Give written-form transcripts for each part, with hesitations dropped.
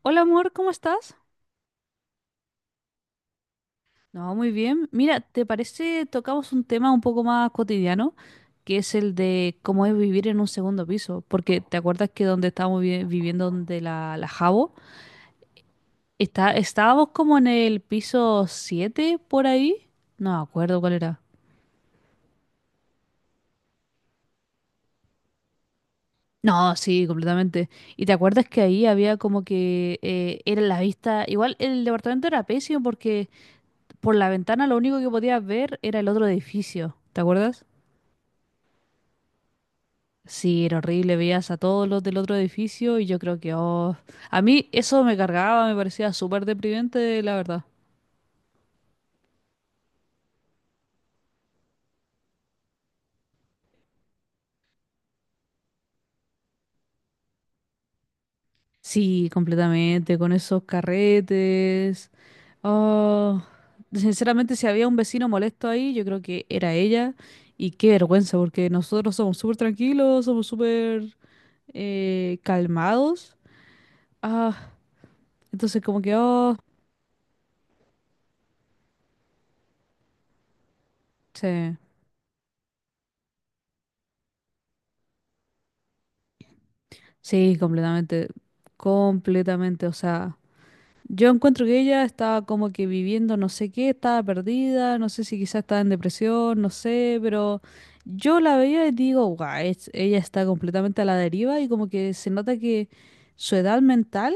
Hola amor, ¿cómo estás? No, muy bien. Mira, ¿te parece tocamos un tema un poco más cotidiano, que es el de cómo es vivir en un segundo piso? Porque ¿te acuerdas que donde estábamos viviendo, donde la Jabo, estábamos como en el piso 7 por ahí? No me acuerdo cuál era. No, sí, completamente. ¿Y te acuerdas que ahí había como que era la vista, igual el departamento era pésimo porque por la ventana lo único que podías ver era el otro edificio? ¿Te acuerdas? Sí, era horrible, veías a todos los del otro edificio y yo creo que, oh, a mí eso me cargaba, me parecía súper deprimente, la verdad. Sí, completamente, con esos carretes. Oh, sinceramente, si había un vecino molesto ahí, yo creo que era ella. Y qué vergüenza, porque nosotros somos súper tranquilos, somos súper calmados. Ah, entonces como que, oh, sí, sí, completamente, completamente, o sea. Yo encuentro que ella estaba como que viviendo no sé qué, estaba perdida, no sé si quizás estaba en depresión, no sé, pero yo la veía y digo, guau, ella está completamente a la deriva y como que se nota que su edad mental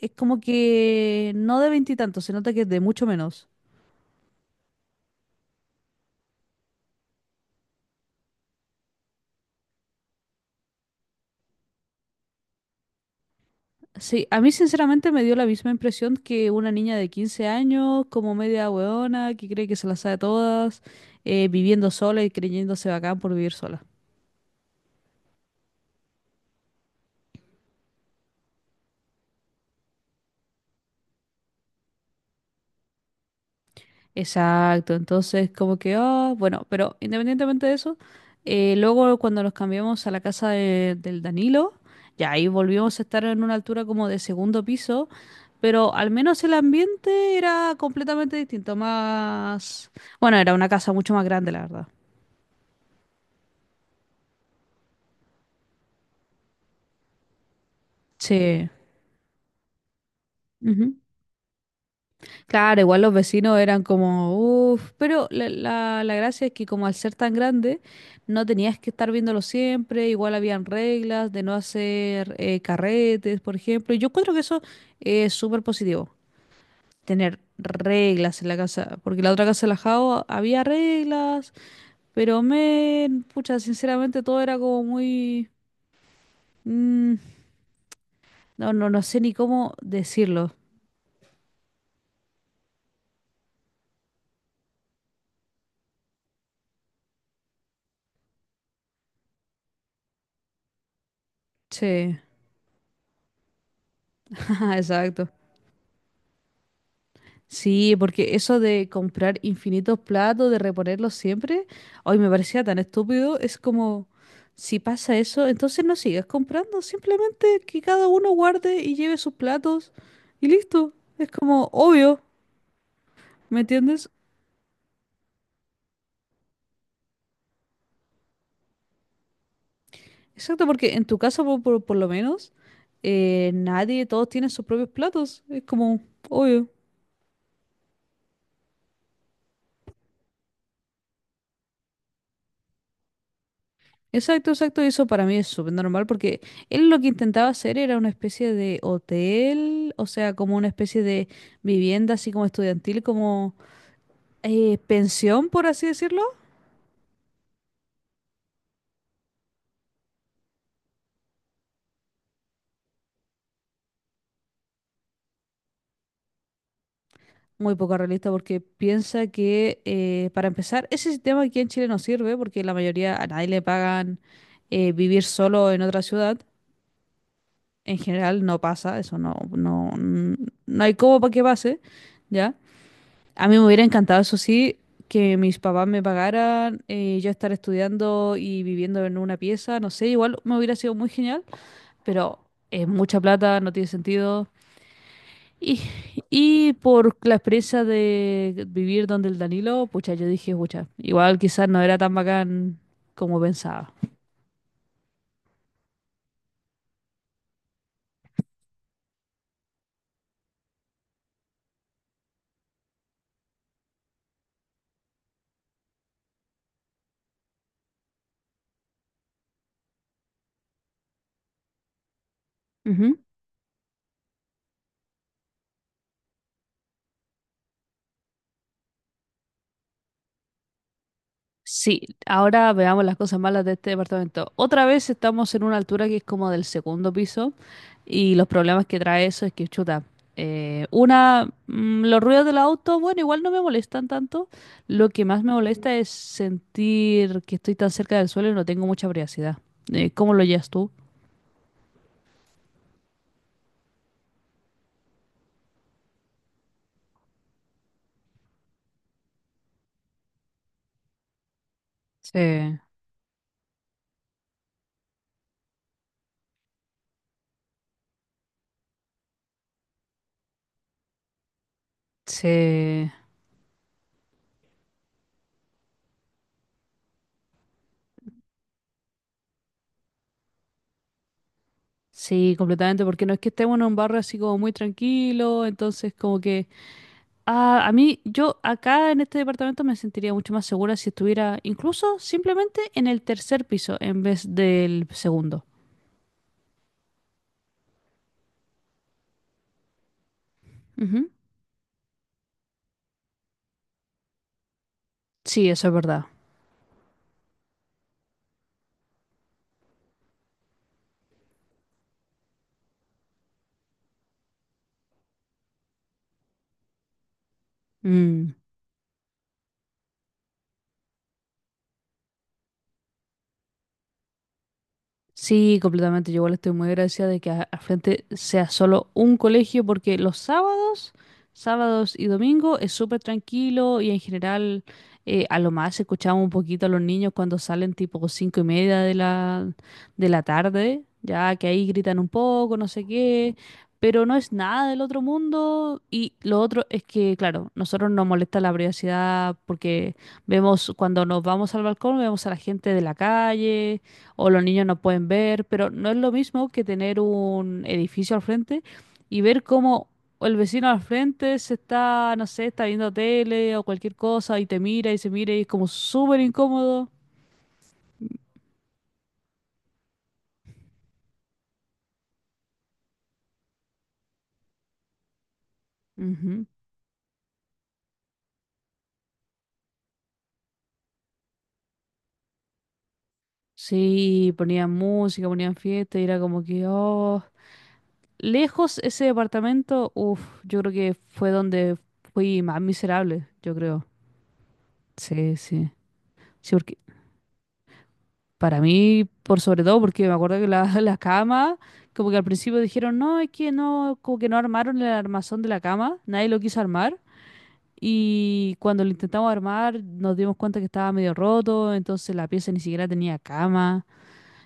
es como que no de veintitantos, se nota que es de mucho menos. Sí, a mí sinceramente me dio la misma impresión que una niña de 15 años, como media hueona, que cree que se las sabe todas, viviendo sola y creyéndose bacán por vivir sola. Exacto, entonces como que, ah, bueno, pero independientemente de eso, luego cuando nos cambiamos a la casa del Danilo, ya ahí volvimos a estar en una altura como de segundo piso, pero al menos el ambiente era completamente distinto. Bueno, era una casa mucho más grande, la verdad. Sí. Claro, igual los vecinos eran como, uff, pero la gracia es que como al ser tan grande, no tenías que estar viéndolo siempre, igual habían reglas de no hacer carretes, por ejemplo, y yo encuentro que eso es súper positivo, tener reglas en la casa, porque la otra casa de la Jao había reglas, pero men, pucha, sinceramente todo era como muy. mm, no, no, no sé ni cómo decirlo. Sí, exacto. Sí, porque eso de comprar infinitos platos, de reponerlos siempre, hoy me parecía tan estúpido. Es como, si pasa eso, entonces no sigas comprando, simplemente que cada uno guarde y lleve sus platos y listo. Es como obvio, ¿me entiendes? Exacto, porque en tu casa, por lo menos, nadie, todos tienen sus propios platos. Es como obvio. Exacto, exacto, eso para mí es súper normal porque él lo que intentaba hacer era una especie de hotel, o sea, como una especie de vivienda así como estudiantil, como pensión, por así decirlo. Muy poco realista porque piensa que, para empezar, ese sistema aquí en Chile no sirve porque la mayoría a nadie le pagan vivir solo en otra ciudad. En general no pasa, eso no, no, no hay cómo para que pase, ¿ya? A mí me hubiera encantado, eso sí, que mis papás me pagaran, yo estar estudiando y viviendo en una pieza, no sé, igual me hubiera sido muy genial, pero es mucha plata, no tiene sentido. Y, y por la experiencia de vivir donde el Danilo, pucha, yo dije, pucha, igual quizás no era tan bacán como pensaba. Ujú. Sí, ahora veamos las cosas malas de este departamento. Otra vez estamos en una altura que es como del segundo piso y los problemas que trae eso es que, chuta, una, los ruidos del auto, bueno, igual no me molestan tanto. Lo que más me molesta es sentir que estoy tan cerca del suelo y no tengo mucha privacidad. ¿Cómo lo llevas tú? Sí, sí. Sí, completamente, porque no es que estemos en un barrio así como muy tranquilo, entonces como que. Ah, a mí, yo acá en este departamento me sentiría mucho más segura si estuviera incluso simplemente en el tercer piso en vez del segundo. Ujú. Sí, eso es verdad. Mm. Sí, completamente. Yo igual estoy muy agradecida de que al frente sea solo un colegio, porque los sábados y domingo es súper tranquilo y en general a lo más escuchamos un poquito a los niños cuando salen tipo 5:30 de la tarde, ya que ahí gritan un poco, no sé qué, pero no es nada del otro mundo. Y lo otro es que, claro, nosotros nos molesta la privacidad porque vemos cuando nos vamos al balcón, vemos a la gente de la calle o los niños no pueden ver, pero no es lo mismo que tener un edificio al frente y ver cómo el vecino al frente se está, no sé, está viendo tele o cualquier cosa y te mira y se mira y es como súper incómodo. Ujú. Sí, ponían música, ponían fiesta y era como que, oh, lejos ese departamento, uff, yo creo que fue donde fui más miserable, yo creo. Sí, sí. Sí, para mí, por sobre todo, porque me acuerdo que la, la cama, como que al principio dijeron, no, es que no, como que no armaron el armazón de la cama, nadie lo quiso armar. Y cuando lo intentamos armar, nos dimos cuenta que estaba medio roto, entonces la pieza ni siquiera tenía cama.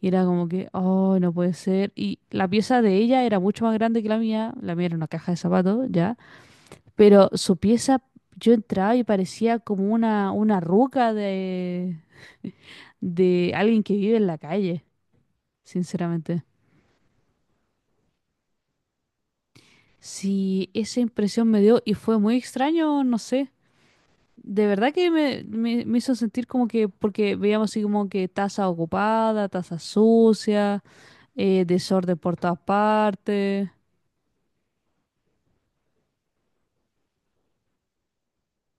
Y era como que, oh, no puede ser. Y la pieza de ella era mucho más grande que la mía era una caja de zapatos, ya. Pero su pieza, yo entraba y parecía como una ruca de, de alguien que vive en la calle sinceramente. Sí, esa impresión me dio y fue muy extraño, no sé. De verdad que me hizo sentir como que, porque veíamos así como que taza ocupada, taza sucia, desorden por todas partes.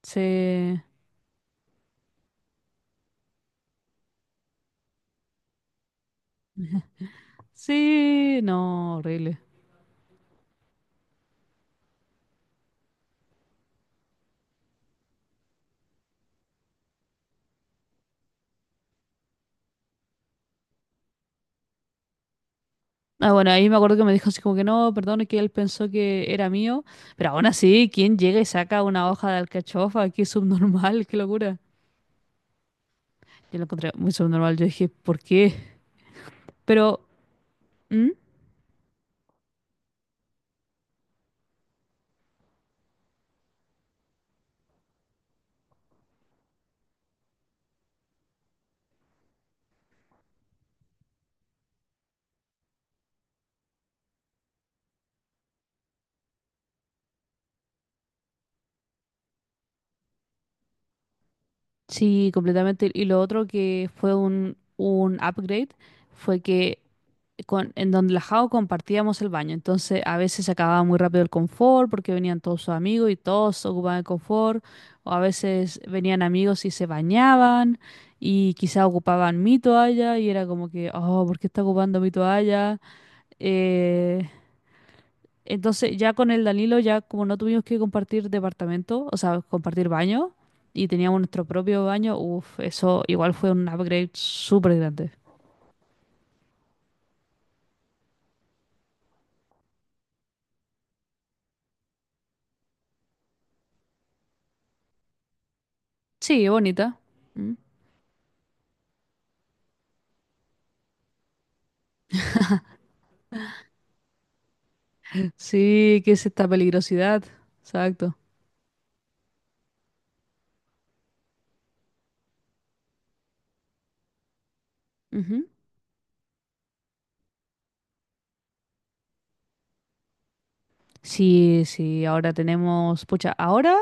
Sí, sí, no, horrible. Ah, bueno, ahí me acuerdo que me dijo así como que no, perdón, es que él pensó que era mío, pero aún así, ¿quién llega y saca una hoja de alcachofa? Qué subnormal, qué locura. Yo lo encontré muy subnormal, yo dije, ¿por qué? Pero. ¿Mm? Sí, completamente. Y lo otro que fue un upgrade fue que en donde la Jao compartíamos el baño. Entonces a veces se acababa muy rápido el confort porque venían todos sus amigos y todos ocupaban el confort. O a veces venían amigos y se bañaban y quizá ocupaban mi toalla y era como que, oh, ¿por qué está ocupando mi toalla? Eh, entonces, ya con el Danilo, ya como no tuvimos que compartir departamento, o sea, compartir baño, y teníamos nuestro propio baño, uff, eso igual fue un upgrade súper grande. Sí, bonita. Mm. Sí, que es esta peligrosidad. Exacto. Ujú. Sí, sí, ahora tenemos, pucha, ahora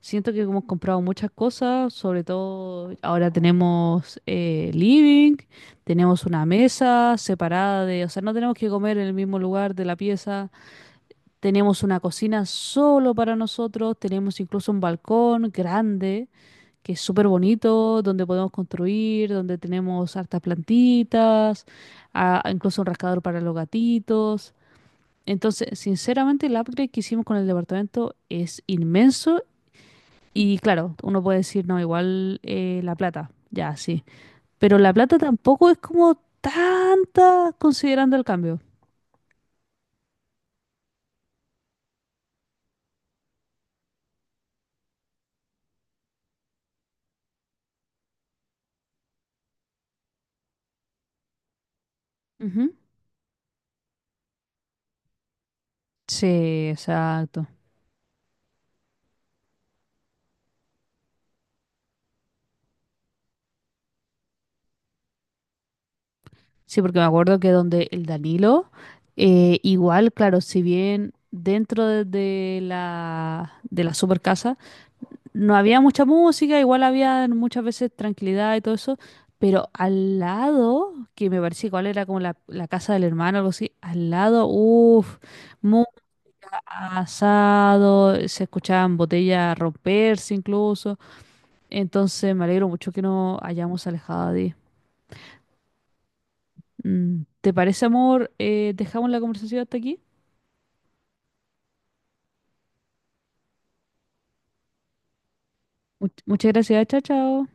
siento que hemos comprado muchas cosas, sobre todo ahora tenemos living, tenemos una mesa separada de, o sea, no tenemos que comer en el mismo lugar de la pieza. Tenemos una cocina solo para nosotros, tenemos incluso un balcón grande, que es súper bonito, donde podemos construir, donde tenemos hartas plantitas, ah, incluso un rascador para los gatitos. Entonces, sinceramente, el upgrade que hicimos con el departamento es inmenso y claro, uno puede decir, no, igual la plata, ya, sí. Pero la plata tampoco es como tanta considerando el cambio. Ujú. Sí, exacto. Sí, porque me acuerdo que donde el Danilo, igual, claro, si bien dentro de la super casa no había mucha música, igual había muchas veces tranquilidad y todo eso, pero al lado, que me parecía igual era como la casa del hermano, algo así, al lado, uff, muy asado, se escuchaban botellas romperse incluso, entonces me alegro mucho que nos hayamos alejado. ¿Te parece, amor? Dejamos la conversación hasta aquí. Muchas gracias, chao, chao.